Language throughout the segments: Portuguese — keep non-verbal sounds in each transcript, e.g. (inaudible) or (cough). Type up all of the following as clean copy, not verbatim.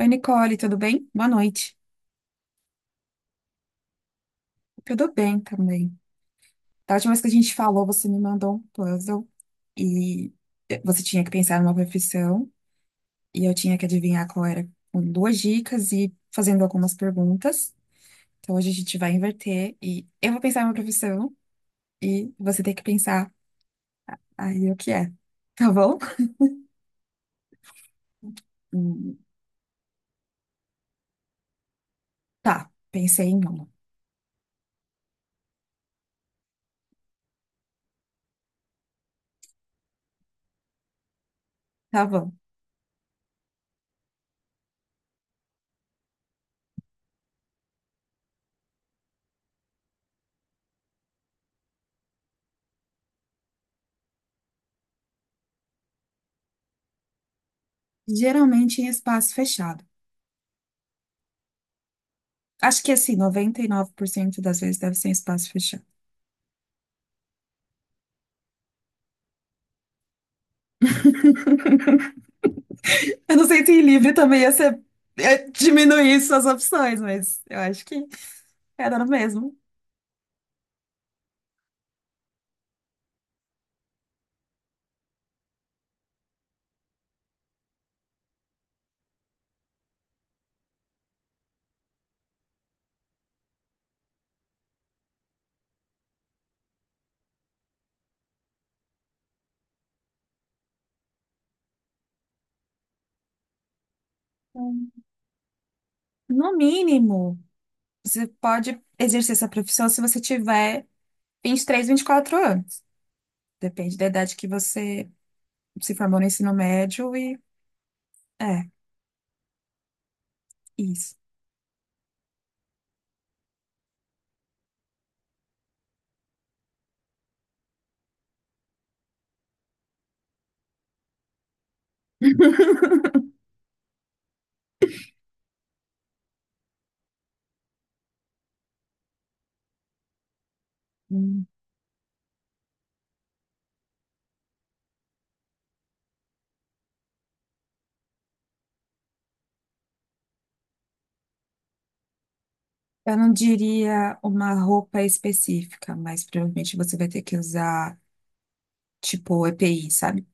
Oi, Nicole, tudo bem? Boa noite. Tudo bem também. Da última vez que a gente falou, você me mandou um puzzle e você tinha que pensar numa profissão e eu tinha que adivinhar qual era com duas dicas e fazendo algumas perguntas. Então hoje a gente vai inverter e eu vou pensar numa profissão e você tem que pensar aí o que é, tá bom? Hum, Tá, pensei em uma. Tá bom. Geralmente em espaço fechado. Acho que assim, 99% das vezes deve ser em espaço fechado. Eu não sei se livre também ia ser ia diminuir suas opções, mas eu acho que era no mesmo. Hum. No mínimo, você pode exercer essa profissão se você tiver 23, 24 anos. Depende da idade que você se formou no ensino médio e é isso. Hum. Eu não diria uma roupa específica, mas provavelmente você vai ter que usar tipo EPI, sabe?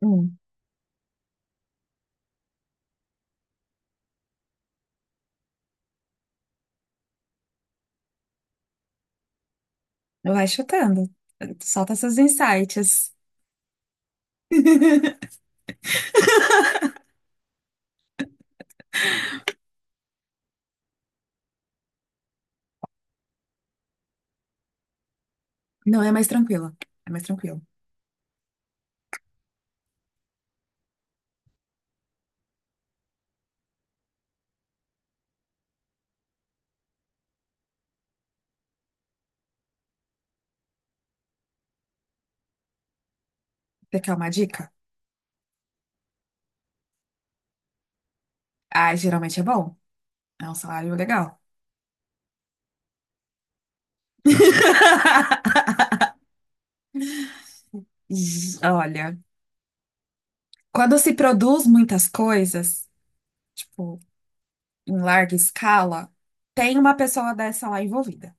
Hum, vai chutando. Solta seus insights. (laughs) Não é mais tranquilo. É mais tranquilo. Você quer uma dica? Ah, geralmente é bom. É um salário legal. (laughs) Olha, quando se produz muitas coisas, tipo, em larga escala, tem uma pessoa dessa lá envolvida.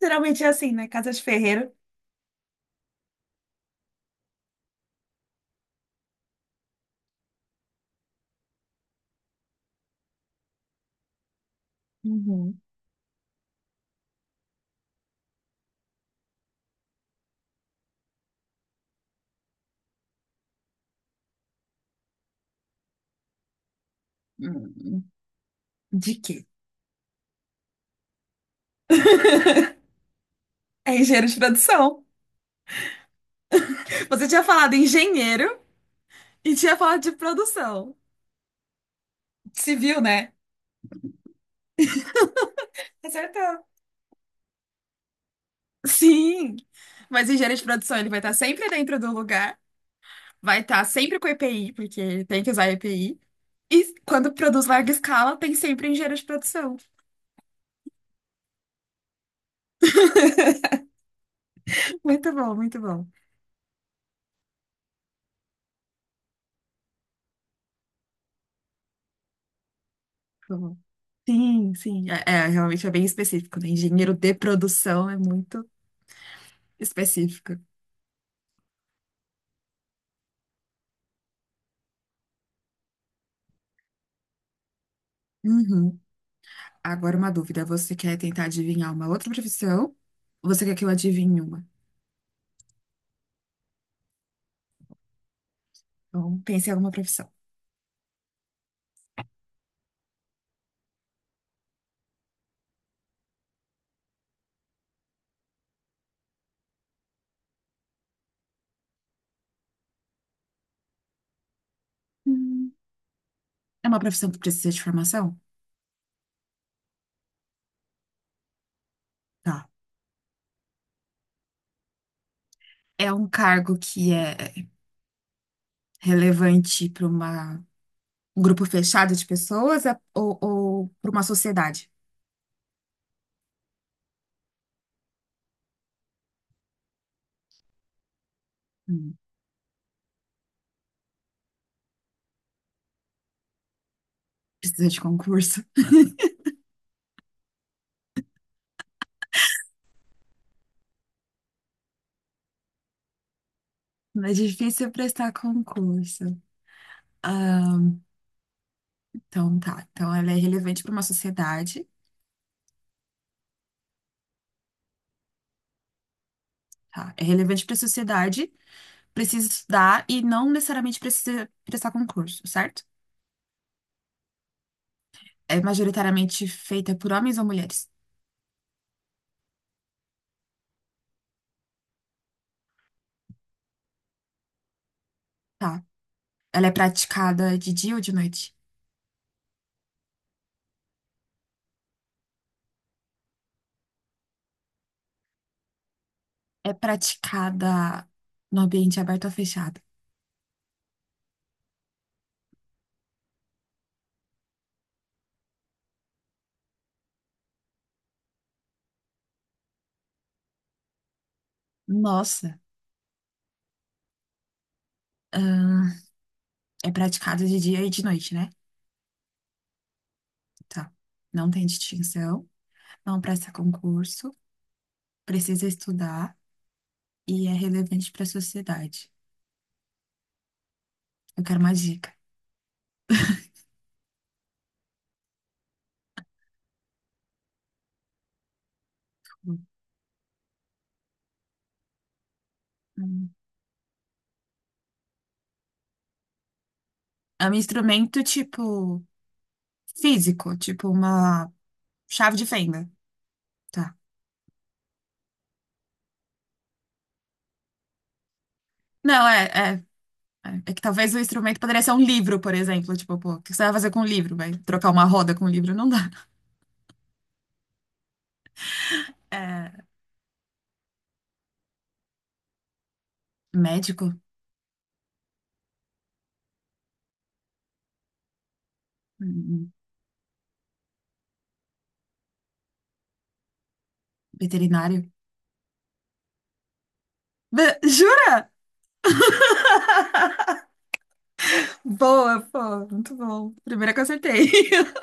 Geralmente é assim, né? Casa de ferreiro. Uhum. Hum, de quê? É engenheiro de produção. Você tinha falado engenheiro e tinha falado de produção. Civil, né? Acertou. Sim. Mas engenheiro de produção, ele vai estar sempre dentro do lugar, vai estar sempre com EPI, porque ele tem que usar EPI. E quando produz larga escala, tem sempre engenheiro de produção. Muito bom, muito bom. Uhum. Sim, sim. É, é, realmente é bem específico, né? Engenheiro de produção é muito específico. Uhum. Agora uma dúvida. Você quer tentar adivinhar uma outra profissão? Ou você quer que eu adivinhe uma? Então, pense em alguma profissão. Hum. É uma profissão que precisa de formação? Tá. É um cargo que é relevante para uma um grupo fechado de pessoas ou para uma sociedade? Hum. Precisa de concurso? Não é difícil prestar concurso. Então, tá. Então, ela é relevante para uma sociedade, tá? É relevante para a sociedade, precisa estudar e não necessariamente precisa prestar concurso, certo? É majoritariamente feita por homens ou mulheres, tá? Ela é praticada de dia ou de noite? É praticada no ambiente aberto ou fechado? Nossa, ahn, é praticada de dia e de noite, né? Tá. Não tem distinção, não presta concurso, precisa estudar e é relevante para a sociedade. Eu quero uma dica. Hum. É um instrumento tipo físico, tipo uma chave de fenda. Tá. Não, é, é que talvez o instrumento poderia ser um livro, por exemplo. Tipo, pô, o que você vai fazer com um livro? Vai trocar uma roda com um livro? Não dá. É, médico? Hum, Veterinário? Jura? Boa, pô, muito bom. Primeira que eu acertei. (laughs)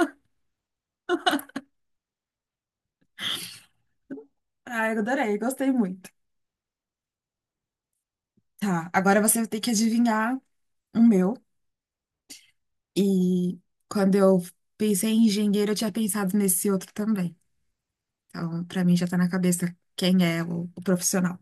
Ah, eu adorei, gostei muito. Tá, agora você tem que adivinhar o meu. E quando eu pensei em engenheiro, eu tinha pensado nesse outro também. Então, para mim já tá na cabeça quem é o profissional.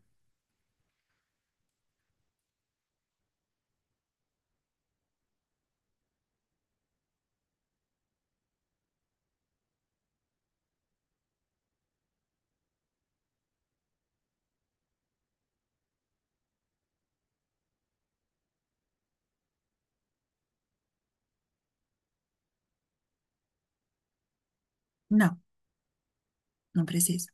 Não, não precisa.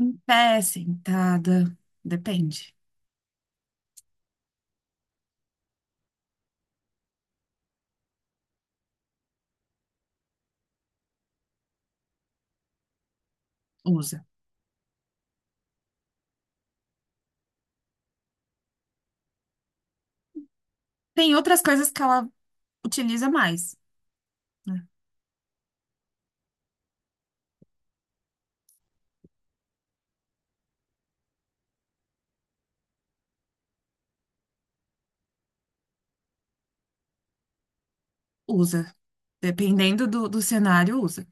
Em pé, sentada, depende. Usa. Tem outras coisas que ela utiliza mais, né? Usa. Dependendo do cenário, usa.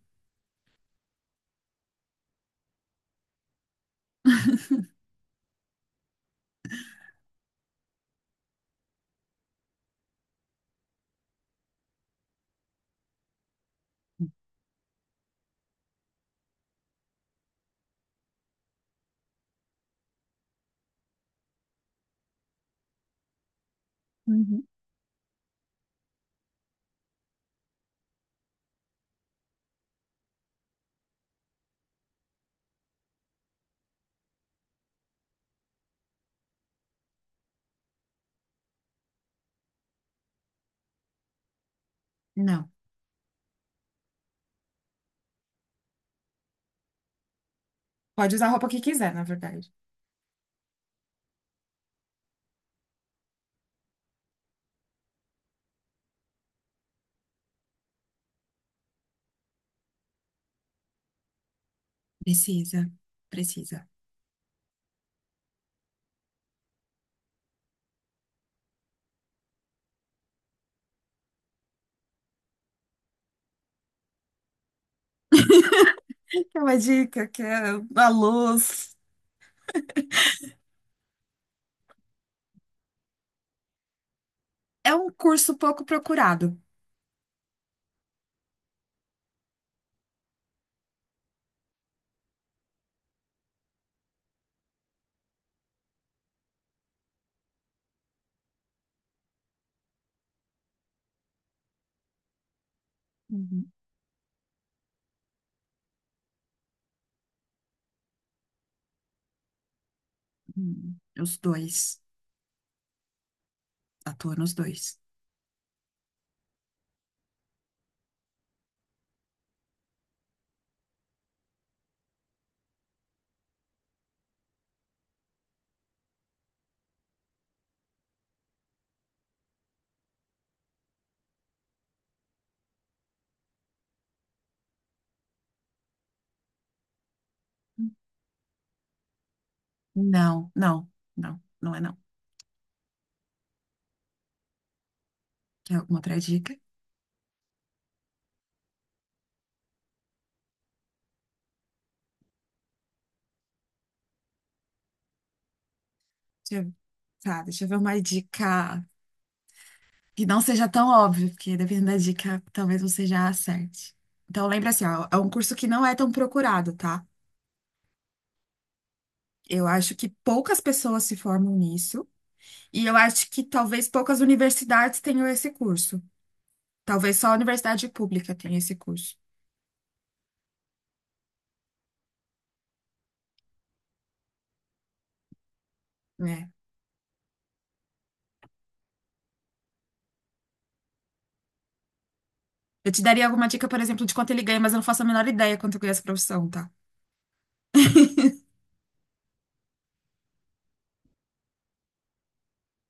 Uhum. Não. Pode usar a roupa que quiser, na verdade. Precisa. Precisa. É uma dica que é a luz. É um curso pouco procurado. Uhum. Os dois. Atua nos dois. Não, não, não é não. Quer alguma outra dica? Deixa eu, tá, deixa eu ver uma dica que não seja tão óbvia, porque dependendo da dica, talvez você já acerte. Então, lembra assim, ó, é um curso que não é tão procurado, tá? Eu acho que poucas pessoas se formam nisso, e eu acho que talvez poucas universidades tenham esse curso. Talvez só a universidade pública tenha esse curso, né? Eu te daria alguma dica, por exemplo, de quanto ele ganha, mas eu não faço a menor ideia quanto ganha essa profissão, tá?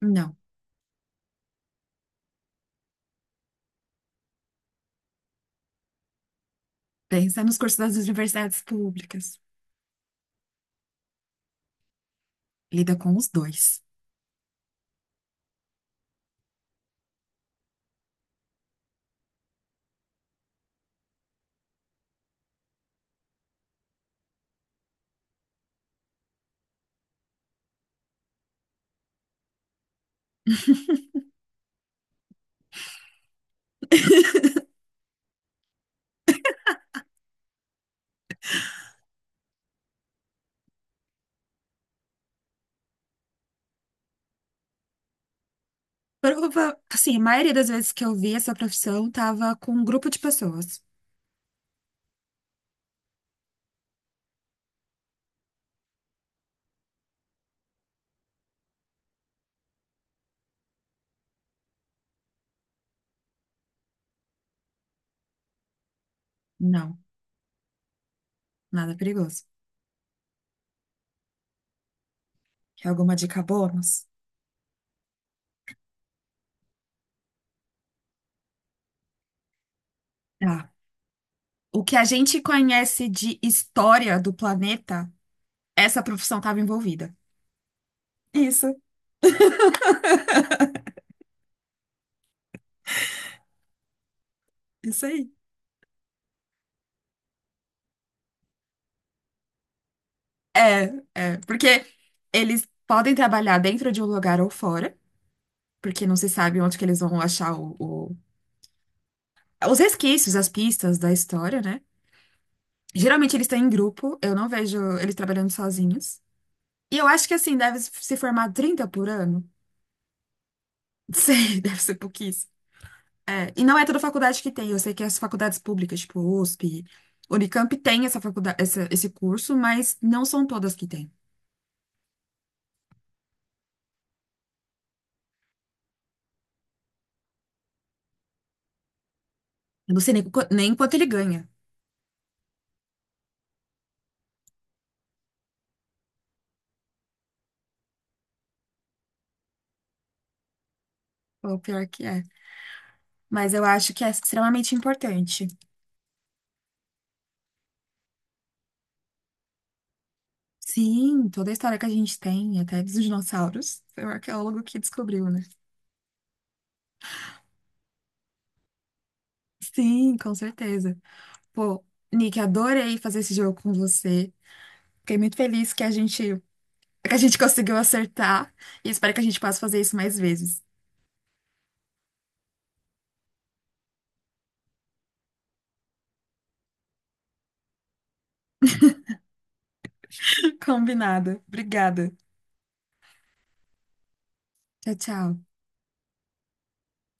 Não. Pensa nos cursos das universidades públicas. Lida com os dois. Prova, assim, a maioria das vezes que eu vi essa profissão tava com um grupo de pessoas. Não, nada perigoso. Quer alguma dica bônus? Tá. O que a gente conhece de história do planeta, essa profissão estava envolvida. Isso, isso aí. É, é, porque eles podem trabalhar dentro de um lugar ou fora, porque não se sabe onde que eles vão achar os resquícios, as pistas da história, né? Geralmente eles estão em grupo, eu não vejo eles trabalhando sozinhos. E eu acho que assim, deve se formar 30 por ano. (laughs) Sei, deve ser pouquíssimo. É, e não é toda faculdade que tem. Eu sei que as faculdades públicas, tipo USP, Unicamp, tem essa faculdade, esse curso, mas não são todas que tem. Eu não sei nem, nem quanto ele ganha. O pior que é. Mas eu acho que é extremamente importante. Sim, toda a história que a gente tem, até dos dinossauros, foi o arqueólogo que descobriu, né? Sim, com certeza. Pô, Nick, adorei fazer esse jogo com você. Fiquei muito feliz que a gente é que a gente conseguiu acertar e espero que a gente possa fazer isso mais vezes. (laughs) Combinado. Obrigada. Tchau, tchau.